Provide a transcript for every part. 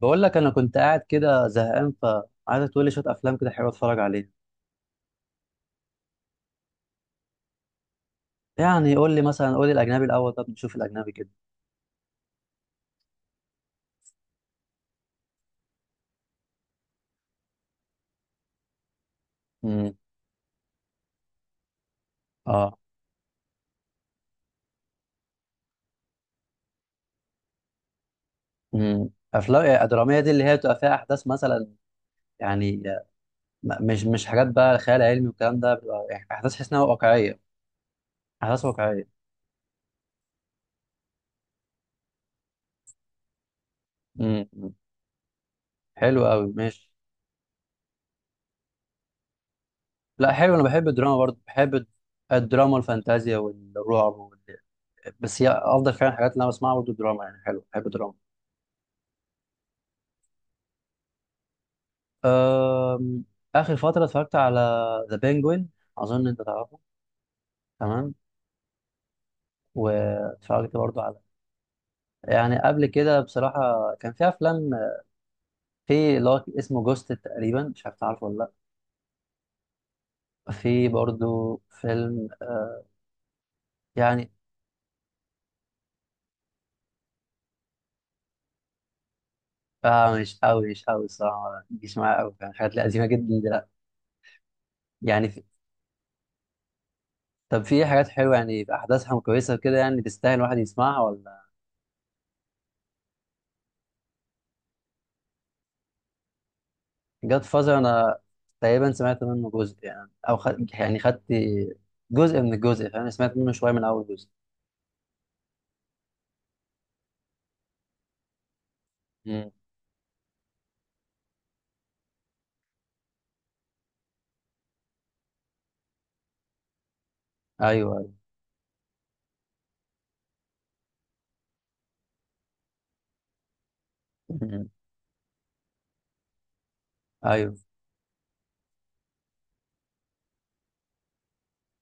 بقول لك انا كنت قاعد كده زهقان فعايزك تقول لي شويه افلام كده حلوه اتفرج عليها. يعني قول لي مثلا، قول لي الاجنبي الاول. طب نشوف الاجنبي كده. امم اه. افلام الدراميه دي اللي هي بتبقى فيها احداث مثلا، يعني مش حاجات بقى خيال علمي والكلام ده، بتبقى يعني احداث تحس انها واقعيه. احداث واقعيه. امم حلو قوي، ماشي. لا حلو، انا بحب الدراما برضه. بحب الدراما والفانتازيا والرعب وال... بس هي افضل فعلا الحاجات اللي انا بسمعها برضه الدراما. يعني حلو، بحب الدراما. أم... آخر فترة اتفرجت على ذا بينجوين. أظن أنت تعرفه. تمام. واتفرجت برضه على، يعني قبل كده بصراحة كان في أفلام، في اللي هو اسمه جوست تقريبا. مش عارف تعرفه ولا لأ. في برضه فيلم يعني آه، مش أوي مش أوي الصراحة. ما بيجيش معايا أوي يعني حاجات لذيذة جدا دلوقتي. يعني في... طب في حاجات حلوة يعني أحداثها كويسة كده، يعني تستاهل الواحد يسمعها ولا؟ جاد فازر انا تقريبا سمعت منه جزء، يعني او خد... يعني خدت جزء من الجزء، فاهم؟ سمعت منه شويه من اول جزء. مم. ايوه ايوه. مم. ايوه.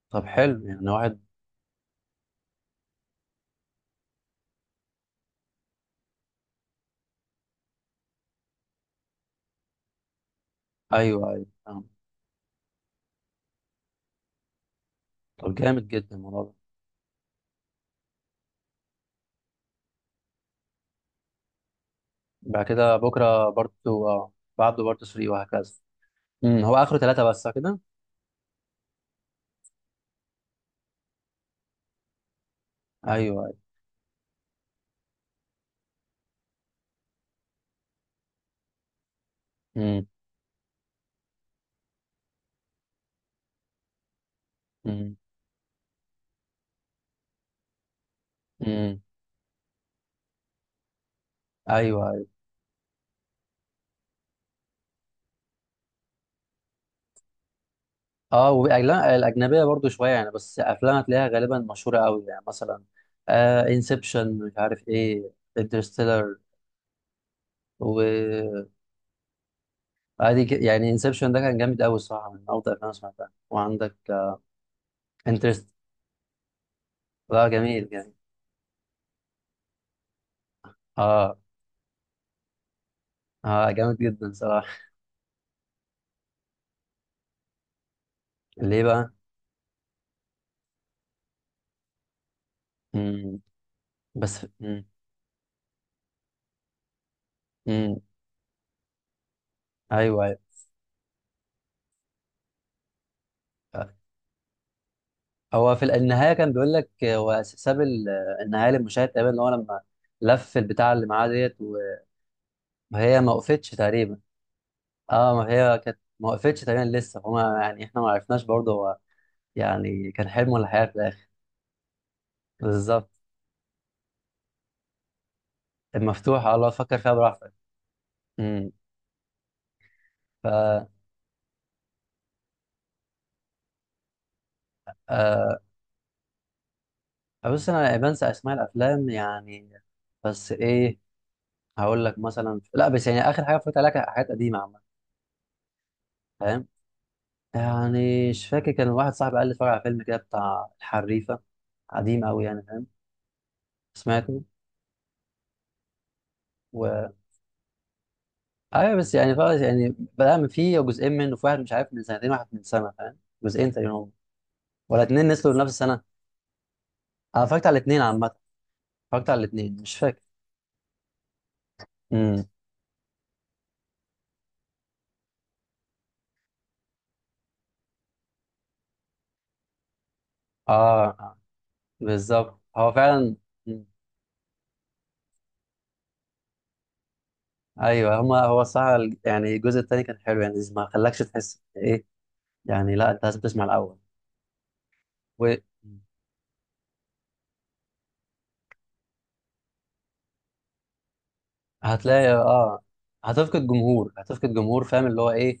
طب حلو، يعني واحد. ايوه ايوه، فاهم. طب جامد جدا الموضوع ده. بعد كده بكره بارتو، اه. بعده بارتو 3 وهكذا. مم. هو اخره ثلاثه بس صح كده؟ ايوه ايوه. مم. مم. مم. ايوه. اه، والاجنبيه الاجنبيه برضو شويه يعني. بس افلام هتلاقيها غالبا مشهوره قوي يعني، مثلا آه انسبشن، مش عارف ايه، انترستيلر، وعادي. يعني انسبشن ده كان جامد قوي الصراحه، من افضل الافلام اللي سمعتها. وعندك انترست. لا، جميل جميل. اه. اه، جامد جدا صراحه. ليه بقى؟ مم. بس مم. مم. ايوه ايوه. آه. هو في النهايه كان بيقول لك، هو ساب ال- النهايه للمشاهد تقريبا، ان هو لما لف البتاع اللي معاه ديت، وهي ما وقفتش تقريبا. اه، ما هي كانت ما وقفتش تقريبا لسه، فما يعني احنا ما عرفناش برضه هو يعني كان حلم ولا حياة في الاخر. بالظبط. المفتوحة، الله، فكر فيها براحتك. امم. ف، آه. بص انا بنسى اسماء الافلام يعني. بس ايه، هقول لك مثلا، لا بس يعني اخر حاجه اتفرجت عليها كانت حاجات قديمه عامه، فاهم؟ يعني مش فاكر، كان واحد صاحبي قال لي اتفرج على فيلم كده بتاع الحريفه. قديم قوي يعني، فاهم؟ سمعته. ايوه، بس يعني خلاص يعني. بدأنا من، فيه جزئين منه، في واحد مش عارف من سنتين، واحد من سنه، فاهم؟ جزئين تقريبا هم. ولا اتنين نزلوا في نفس السنه. انا اتفرجت على الاتنين عامه. اتفرجت على الاتنين مش فاكر. امم. اه. آه، بالظبط هو فعلا. مم. ايوه هما، هو الصراحه ال- يعني الجزء التاني كان حلو، يعني ما خلاكش تحس ايه يعني. لا، انت لازم تسمع الاول. وهتلاقي اه، هتفقد جمهور، هتفقد جمهور، فاهم؟ اللي هو ايه،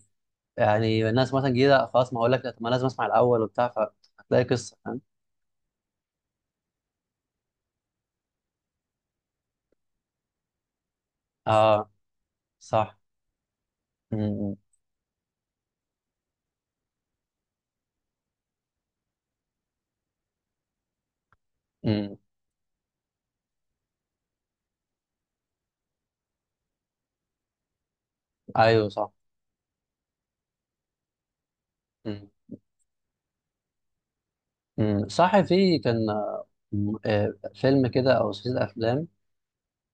يعني الناس مثلا جديده خلاص، ما اقول لك لا، طب ما لازم اسمع الاول وبتاع، فهتلاقي قصه، فاهم؟ اه، صح. مم. مم. ايوه صح. مم. مم. صح. في كان فيلم كده او سلسله افلام.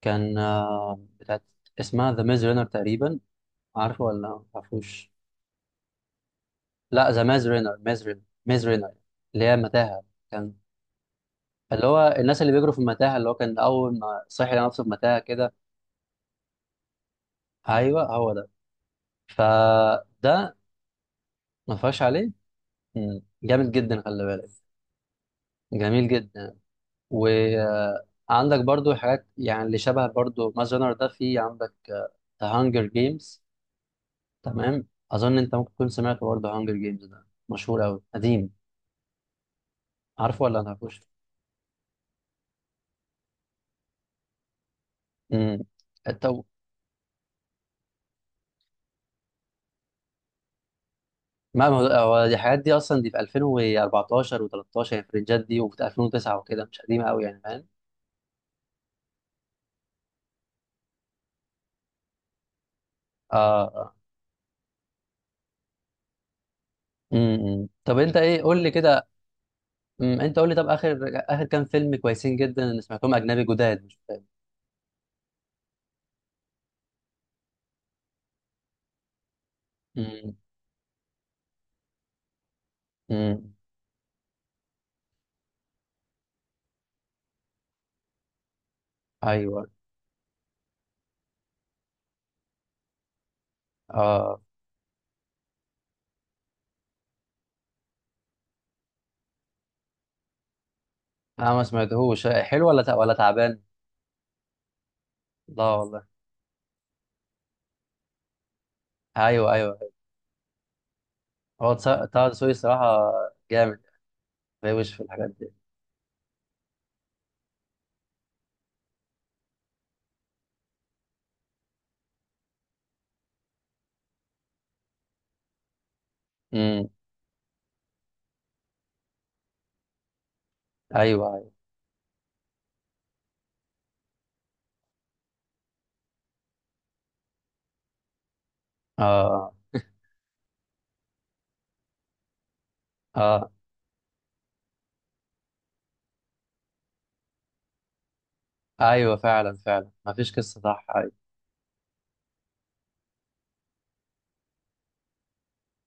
كان آه، بتاعت، اسمها ذا ميز رينر تقريبا. عارفه ولا ما تعرفوش؟ لا، ذا ميز رينر، ميز رينر، ميز رينر، اللي هي متاهه. كان اللي هو الناس اللي بيجروا في المتاهه، اللي هو كان اول ما صحي لقى نفسه في متاهه كده. ايوه هو ده. فده، ما فيهاش عليه. مم. جامد جدا، خلي بالك. جميل جدا. وعندك برضو حاجات يعني اللي شبه برضو ماز رانر ده، في عندك ذا هانجر جيمز. تمام، اظن انت ممكن تكون سمعت برضو هانجر جيمز، ده مشهور قوي قديم. عارفه ولا ما تعرفوش؟ امم. طب ما هو، هو دي الحاجات دي اصلا دي في 2014 و13، يعني في الرنجات دي وفي 2009 وكده. مش قديمه قوي يعني، فاهم؟ اه اه. امم، طب انت ايه، قول لي كده. أمم، انت قول لي، طب اخر، اخر كام فيلم كويسين جدا اللي سمعتهم اجنبي جداد، مش فاهم. امم. امم. ايوه. اه. لا، ما سمعتهوش. حلو ولا ولا تعبان؟ لا والله. ايوه ايوه. هو طه دسوقي صراحه جامد. بيوش في الحاجات دي. امم. ايوه ايوه. اه اه. ايوه، فعلا فعلا ما فيش قصه، صح، ايوه.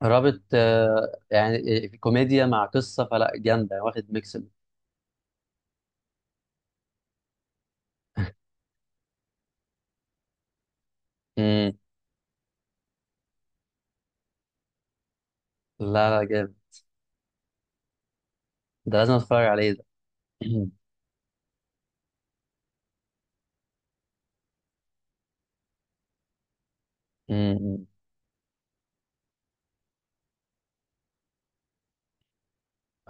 رابط آه يعني، في كوميديا مع قصه، فلا جامده يعني، واخد ميكس. امم. لا لا جامد، ده لازم اتفرج عليه ده. امم.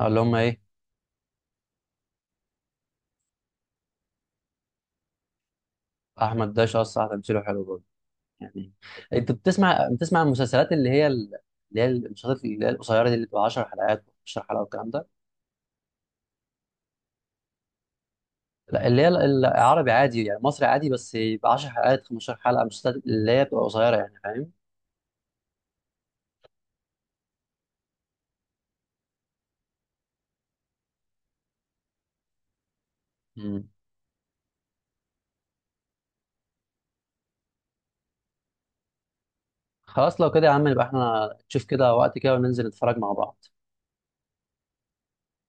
اللي هم ايه؟ احمد داش اصلا تمثيله حلو برضه يعني. انت بتسمع، بتسمع المسلسلات اللي هي ال- اللي هي المسلسلات اللي هي القصيره دي اللي بتبقى 10 حلقات، 15 حلقه والكلام ده؟ لا، اللي هي ال- العربي عادي يعني، مصري عادي، بس يبقى 10 حلقات، 15 حلقه، مسلسلات اللي هي بتبقى قصيره يعني، فاهم؟ مم. خلاص لو كده يا عم، يبقى احنا نشوف كده وقت كده وننزل نتفرج مع بعض.